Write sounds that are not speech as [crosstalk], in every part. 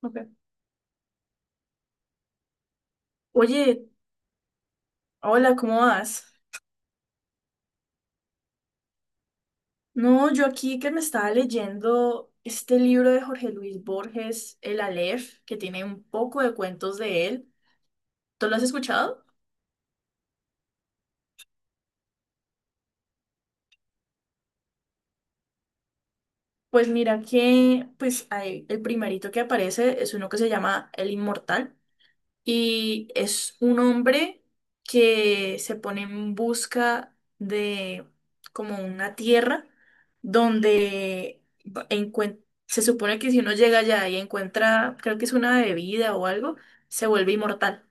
Ok. Oye, hola, ¿cómo vas? No, yo aquí que me estaba leyendo este libro de Jorge Luis Borges, El Aleph, que tiene un poco de cuentos de él. ¿Tú lo has escuchado? Pues mira que, pues el primerito que aparece es uno que se llama El Inmortal. Y es un hombre que se pone en busca de como una tierra donde se supone que si uno llega allá y encuentra, creo que es una bebida o algo, se vuelve inmortal.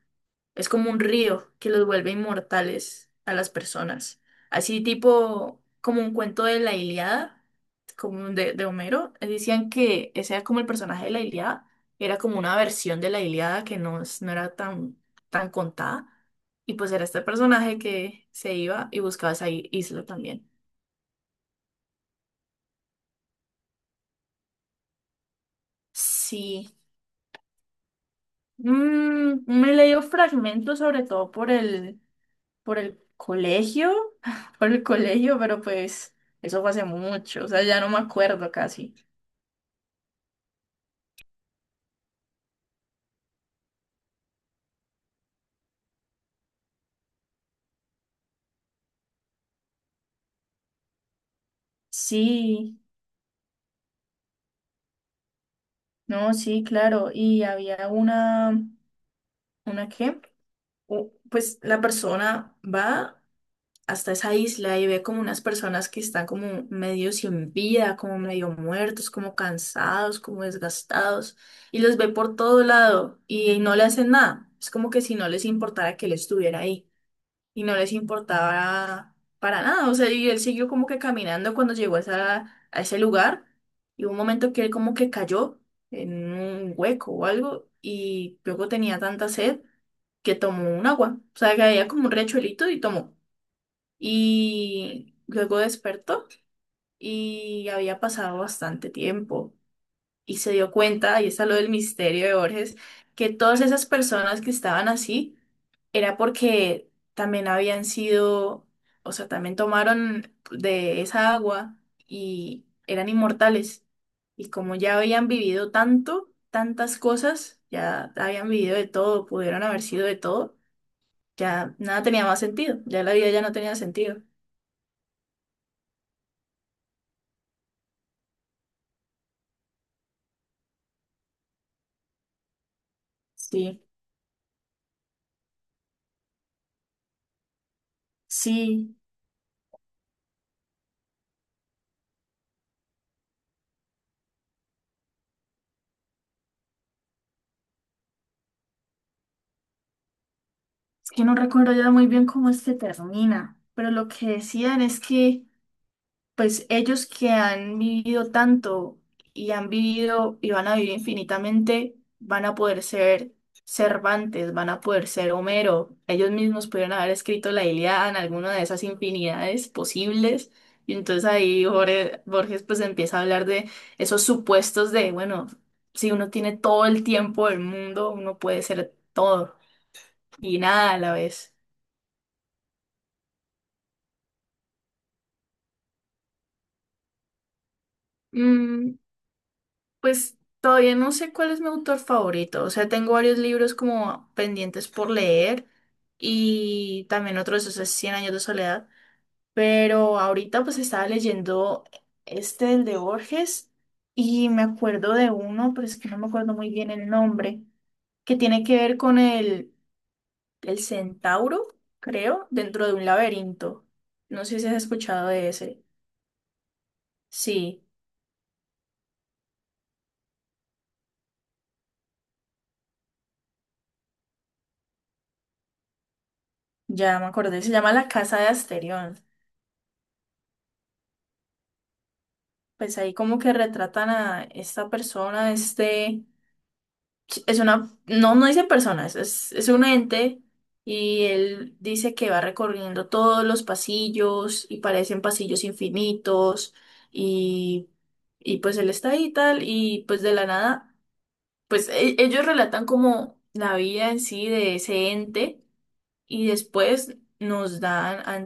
Es como un río que los vuelve inmortales a las personas. Así tipo, como un cuento de la Ilíada, como de Homero. Decían que ese era como el personaje de la Ilíada. Era como una versión de la Ilíada que no, no era tan, tan contada. Y pues era este personaje que se iba y buscaba esa isla también. Sí. Mm, me he leído fragmentos sobre todo por el colegio, [laughs] por el colegio, pero pues eso fue hace mucho, o sea, ya no me acuerdo casi. Sí, no, sí, claro, y había ¿una qué? Pues la persona va hasta esa isla y ve como unas personas que están como medio sin vida, como medio muertos, como cansados, como desgastados, y los ve por todo lado y no le hacen nada. Es como que si no les importara que él estuviera ahí. Y no les importaba para nada. O sea, y él siguió como que caminando cuando llegó a, a ese lugar y hubo un momento que él como que cayó en un hueco o algo y luego tenía tanta sed que tomó un agua. O sea, que había como un riachuelito y tomó. Y luego despertó y había pasado bastante tiempo y se dio cuenta, y está lo del misterio de Borges, que todas esas personas que estaban así era porque también habían sido, o sea, también tomaron de esa agua y eran inmortales. Y como ya habían vivido tanto, tantas cosas, ya habían vivido de todo, pudieron haber sido de todo, ya nada tenía más sentido, ya la vida ya no tenía sentido. Sí, sí, es que no recuerdo ya muy bien cómo es que termina, pero lo que decían es que pues ellos que han vivido tanto y han vivido y van a vivir infinitamente, van a poder ser Cervantes, van a poder ser Homero. Ellos mismos pudieron haber escrito la Ilíada en alguna de esas infinidades posibles. Y entonces ahí Borges pues empieza a hablar de esos supuestos de, bueno, si uno tiene todo el tiempo del mundo, uno puede ser todo y nada a la vez. Pues todavía no sé cuál es mi autor favorito. O sea, tengo varios libros como pendientes por leer y también otro de esos Cien años de soledad. Pero ahorita pues estaba leyendo este, el de Borges, y me acuerdo de uno, pero es que no me acuerdo muy bien el nombre, que tiene que ver con el centauro, creo, dentro de un laberinto. No sé si has escuchado de ese. Sí, ya me acordé. Se llama La Casa de Asterión. Pues ahí como que retratan a esta persona, este, es una, no, no dice persona, es un ente y él dice que va recorriendo todos los pasillos y parecen pasillos infinitos y, y pues él está ahí y tal y pues de la nada, pues ellos relatan como la vida en sí de ese ente y después nos dan a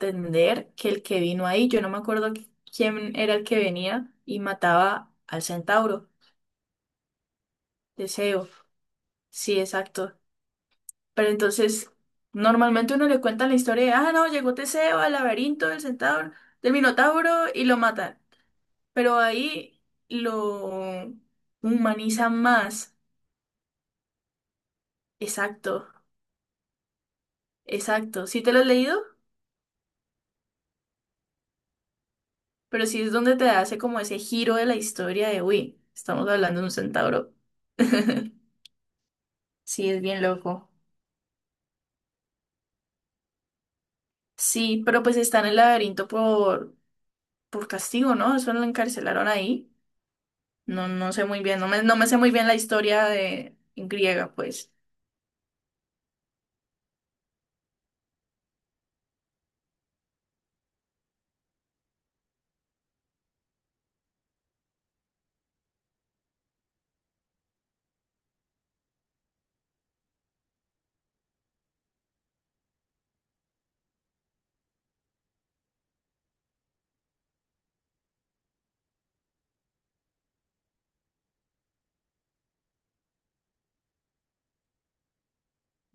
entender que el que vino ahí, yo no me acuerdo quién era el que venía y mataba al centauro, Deseo. Sí, exacto. Pero entonces, normalmente uno le cuenta la historia de, ah, no, llegó Teseo al laberinto del centauro, del minotauro y lo matan. Pero ahí lo humanizan más. Exacto, exacto. ¿Sí te lo has leído? Pero sí es donde te hace como ese giro de la historia de, uy, estamos hablando de un centauro. [laughs] Sí, es bien loco. Sí, pero pues está en el laberinto por castigo, ¿no? Eso lo encarcelaron ahí. No, no sé muy bien, no me sé muy bien la historia de en griega, pues.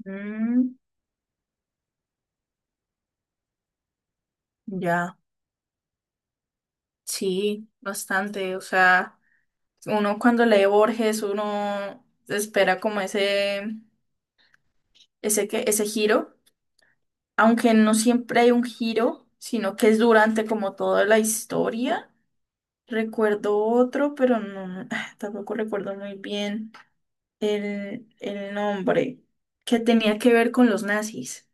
Mm, ya, sí, bastante. O sea, uno cuando lee Borges, uno espera como ese, ese giro. Aunque no siempre hay un giro, sino que es durante como toda la historia. Recuerdo otro, pero no, [sighs] ah, tampoco recuerdo muy bien el nombre, que tenía que ver con los nazis.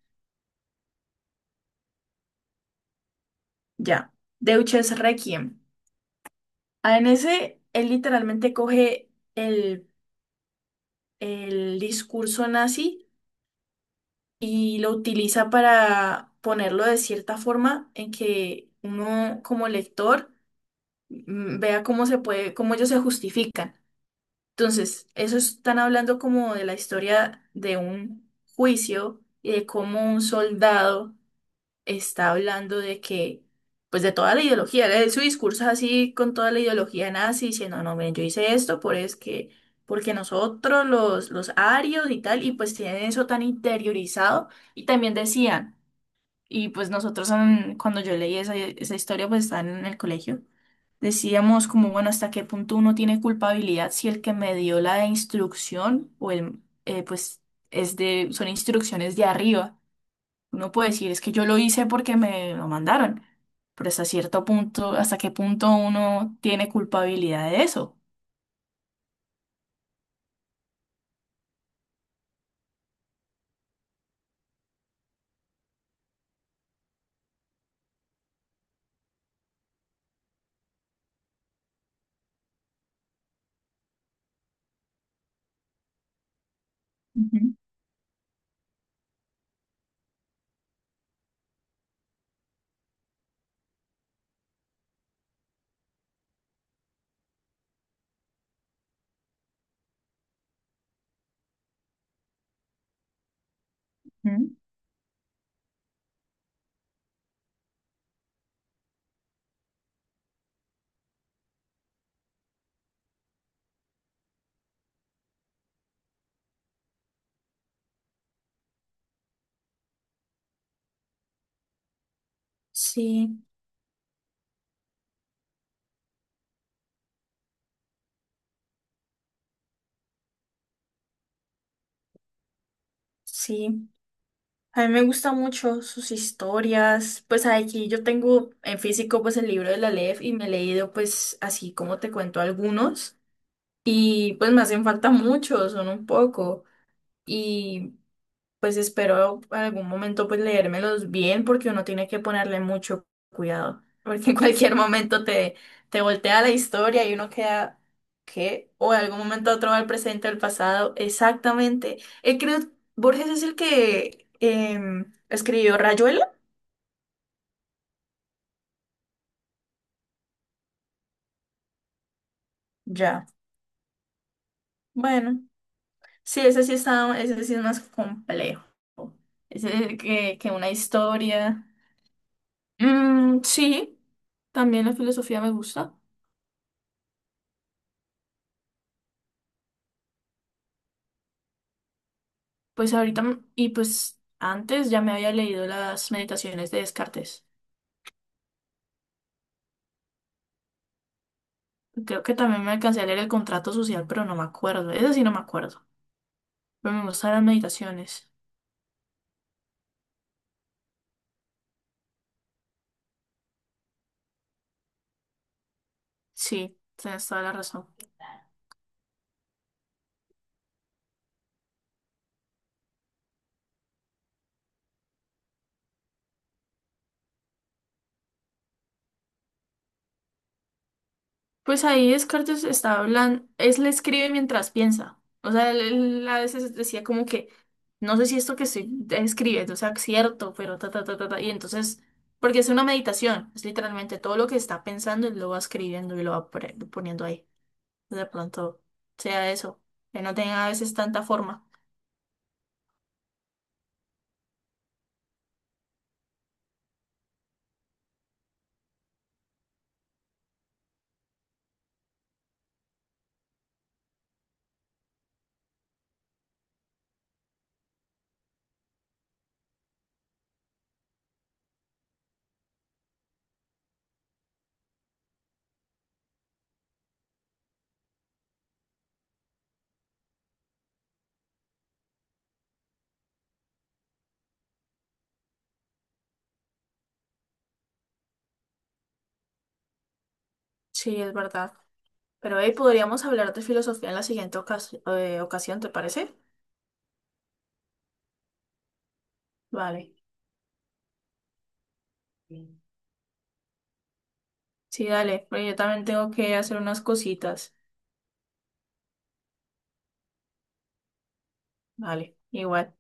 Ya, Deutsches Requiem. Ah, en ese, él literalmente coge el discurso nazi y lo utiliza para ponerlo de cierta forma en que uno como lector vea cómo se puede, cómo ellos se justifican. Entonces, eso están hablando como de la historia de un juicio y de cómo un soldado está hablando de que, pues de toda la ideología, su discurso es así con toda la ideología nazi, diciendo, no, miren, yo hice esto por es que, porque nosotros los arios y tal, y pues tienen eso tan interiorizado, y también decían, y pues nosotros, cuando yo leí esa, esa historia, pues estaban en el colegio. Decíamos como, bueno, ¿hasta qué punto uno tiene culpabilidad si el que me dio la instrucción o el, pues, es de, son instrucciones de arriba? Uno puede decir, es que yo lo hice porque me lo mandaron, pero hasta cierto punto, ¿hasta qué punto uno tiene culpabilidad de eso? Ujú, ujú. Sí, sí. A mí me gusta mucho sus historias, pues aquí yo tengo en físico pues el libro de la LEF y me he leído pues así como te cuento algunos y pues me hacen falta muchos, son un poco. Y pues espero algún momento pues leérmelos bien porque uno tiene que ponerle mucho cuidado, [laughs] porque en cualquier momento te, te voltea la historia y uno queda, ¿qué? O en algún momento otro va al presente o al pasado, exactamente. Creo, Borges es el que escribió Rayuela, ya, bueno, sí, ese sí está, ese sí es más complejo, ese que una historia. Mm, sí, también la filosofía me gusta. Pues ahorita, y pues antes ya me había leído las meditaciones de Descartes. Creo que también me alcancé a leer el contrato social, pero no me acuerdo. Eso sí no me acuerdo. Pero me gustan las meditaciones. Sí, tienes toda la razón. Pues ahí Descartes está hablando, es le escribe mientras piensa. O sea, él a veces decía como que, no sé si esto que estoy escribiendo sea cierto, pero ta, ta, ta, ta, ta. Y entonces, porque es una meditación, es literalmente todo lo que está pensando, él lo va escribiendo y lo va poniendo ahí. De pronto sea eso, que no tengan a veces tanta forma. Sí, es verdad. Pero hey, podríamos hablar de filosofía en la siguiente ocasión, ¿te parece? Vale. Sí, dale, pero yo también tengo que hacer unas cositas. Vale, igual.